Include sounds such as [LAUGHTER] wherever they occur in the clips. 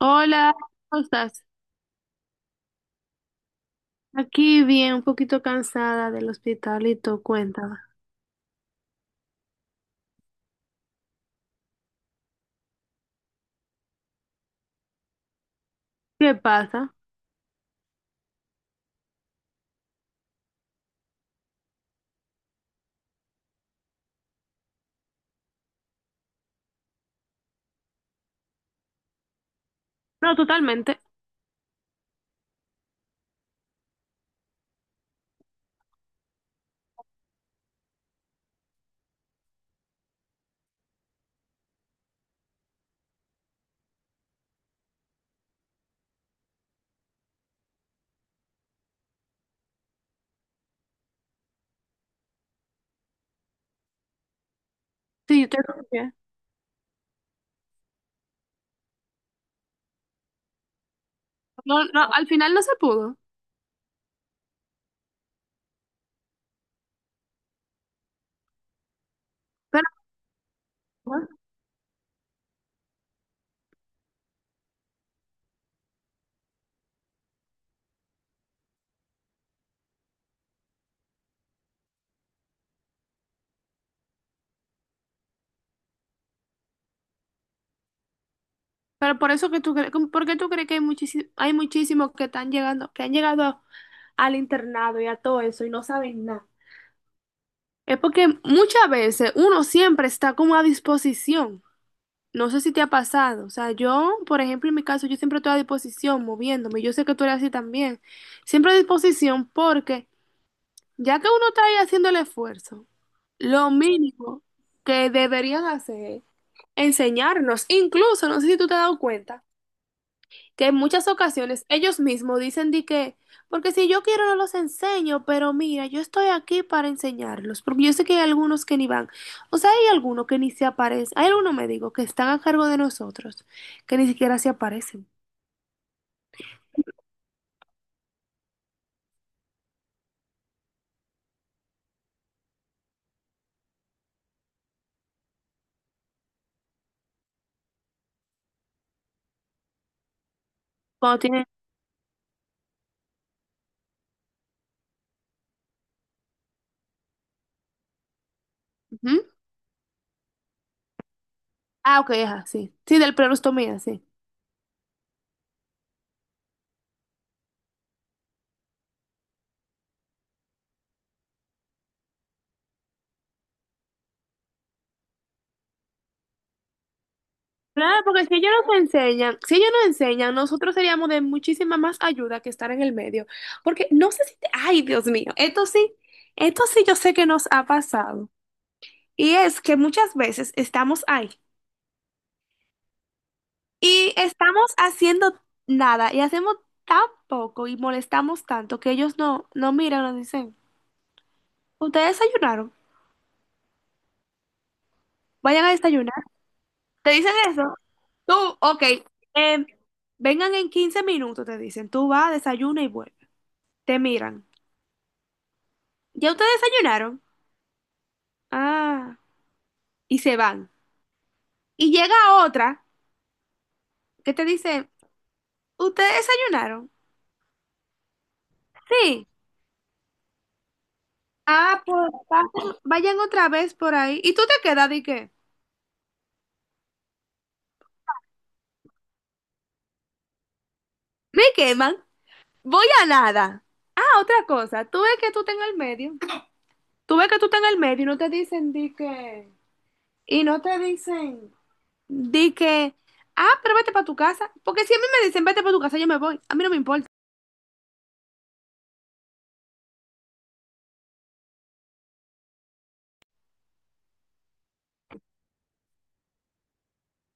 Hola, ¿cómo estás? Aquí bien, un poquito cansada del hospital y tú, cuéntame. ¿Qué pasa? No, totalmente. Sí, yo te escuché. No, no, al final no se pudo. Pero, bueno, por eso que tú crees, ¿por qué tú crees que hay muchísimos, que están llegando, que han llegado al internado y a todo eso y no saben nada? Es porque muchas veces uno siempre está como a disposición. No sé si te ha pasado, o sea, yo, por ejemplo, en mi caso, yo siempre estoy a disposición, moviéndome, yo sé que tú eres así también, siempre a disposición porque ya que uno está ahí haciendo el esfuerzo, lo mínimo que deberían hacer es enseñarnos, incluso, no sé si tú te has dado cuenta que en muchas ocasiones ellos mismos dicen de que, porque si yo quiero no los enseño, pero mira, yo estoy aquí para enseñarlos, porque yo sé que hay algunos que ni van, o sea, hay algunos que ni se aparecen, hay algunos, me digo, que están a cargo de nosotros, que ni siquiera se aparecen. Cuando tienen... Ujú. Ah, ok, ajá, sí, sí, del perostomía, sí. Claro, porque si ellos nos enseñan, nosotros seríamos de muchísima más ayuda que estar en el medio, porque no sé si te... Ay, Dios mío, esto sí yo sé que nos ha pasado. Y es que muchas veces estamos ahí y estamos haciendo nada y hacemos tan poco y molestamos tanto que ellos no miran, nos dicen, ustedes desayunaron, vayan a desayunar. Te dicen eso, tú, ok, em, vengan en 15 minutos, te dicen, tú vas, desayuna y vuelve. Te miran, ¿ya ustedes desayunaron? Ah, y se van. Y llega otra que te dice, ¿ustedes desayunaron? Sí. Ah, pues vayan, vayan otra vez por ahí. ¿Y tú te quedas de qué? Me queman. Voy a nada. Ah, otra cosa. Tú ves que tú estás en el medio. Tú ves que tú estás en el medio y no te dicen di que. Y no te dicen di que. Ah, pero vete para tu casa. Porque si a mí me dicen vete para tu casa, yo me voy. A mí no me importa.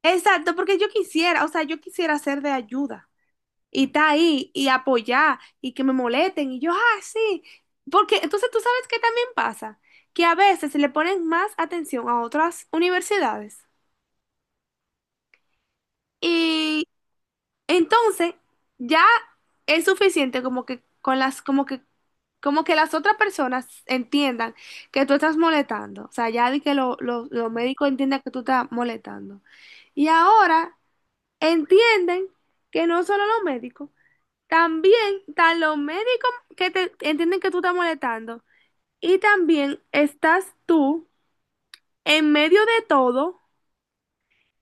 Exacto, porque yo quisiera, o sea, yo quisiera ser de ayuda y está ahí y apoyar y que me molesten y yo, ah, sí, porque entonces tú sabes que también pasa, que a veces le ponen más atención a otras universidades y entonces ya es suficiente como que con las, como que las otras personas entiendan que tú estás molestando, o sea, ya de que los médicos entiendan que tú estás molestando y ahora entienden que no solo los médicos, también están los médicos que te entienden que tú estás molestando. Y también estás tú en medio de todo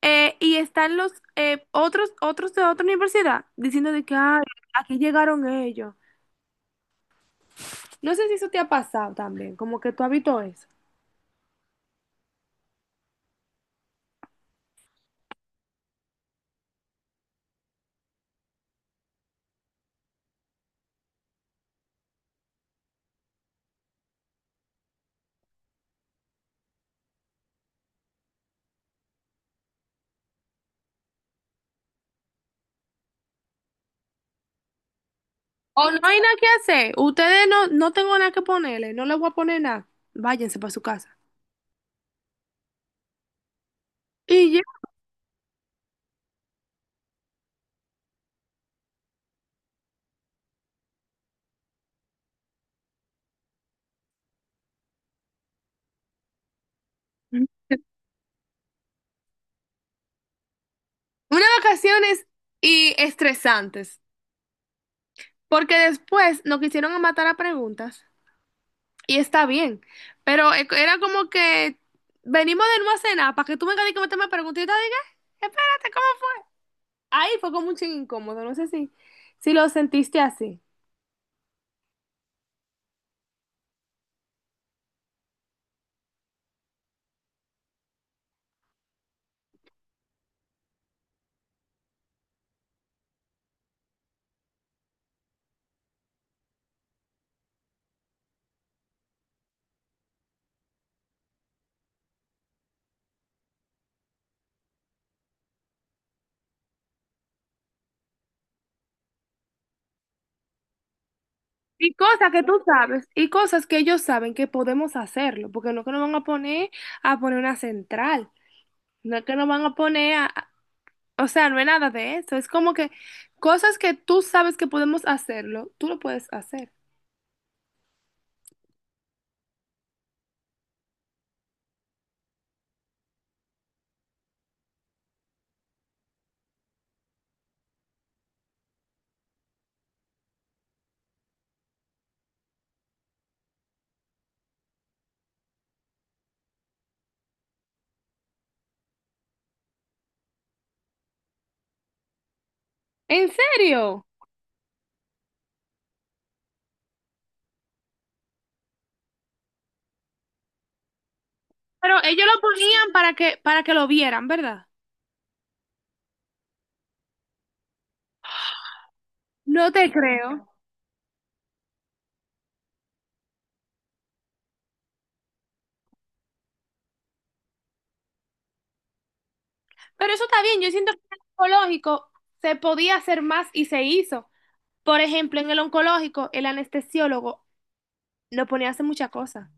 y están los otros de otra universidad diciendo de que, ay, aquí llegaron ellos. No sé si eso te ha pasado también, como que tú has visto eso. O no hay nada que hacer. Ustedes no tengo nada que ponerle, no les voy a poner nada. Váyanse para su casa. Y ya [LAUGHS] unas vacaciones y estresantes, porque después nos quisieron matar a preguntas. Y está bien, pero era como que venimos de una cena para que tú vengas y que me preguntes y yo te diga, espérate, ¿cómo fue? Ahí fue como un ching incómodo, no sé si, si lo sentiste así. Y cosas que tú sabes, y cosas que ellos saben que podemos hacerlo, porque no es que nos van a poner una central, no es que nos van a poner o sea, no es nada de eso, es como que cosas que tú sabes que podemos hacerlo, tú lo puedes hacer. ¿En serio? Pero ellos lo ponían para que lo vieran, ¿verdad? No te creo. Pero eso está bien, yo siento que en el oncológico se podía hacer más y se hizo. Por ejemplo, en el oncológico, el anestesiólogo no ponía a hacer muchas cosas.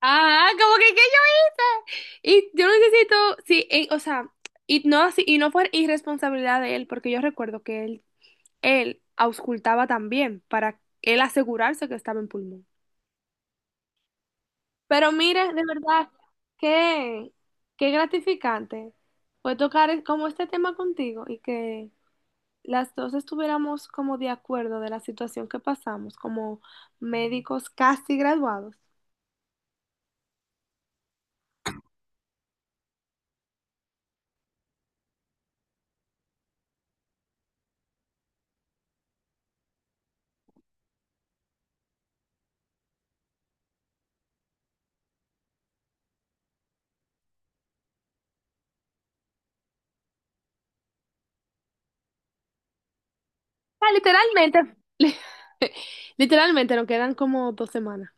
Ah, como que yo. Y yo necesito, sí, o sea, y no, y no fue irresponsabilidad de él, porque yo recuerdo que él auscultaba también para él asegurarse que estaba en pulmón. Pero mire, de verdad, qué, qué gratificante fue tocar como este tema contigo y que las dos estuviéramos como de acuerdo de la situación que pasamos, como médicos casi graduados. O sea, literalmente, [LAUGHS] literalmente nos quedan como 2 semanas.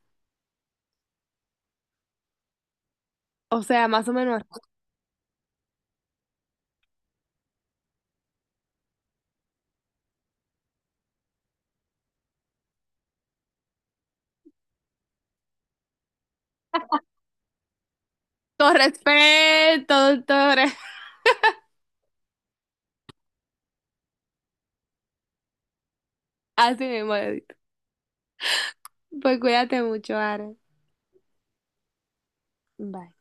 O sea, más o menos así. Todo respeto, doctora. Así mismo, Edith. Pues cuídate mucho, Ara. Bye.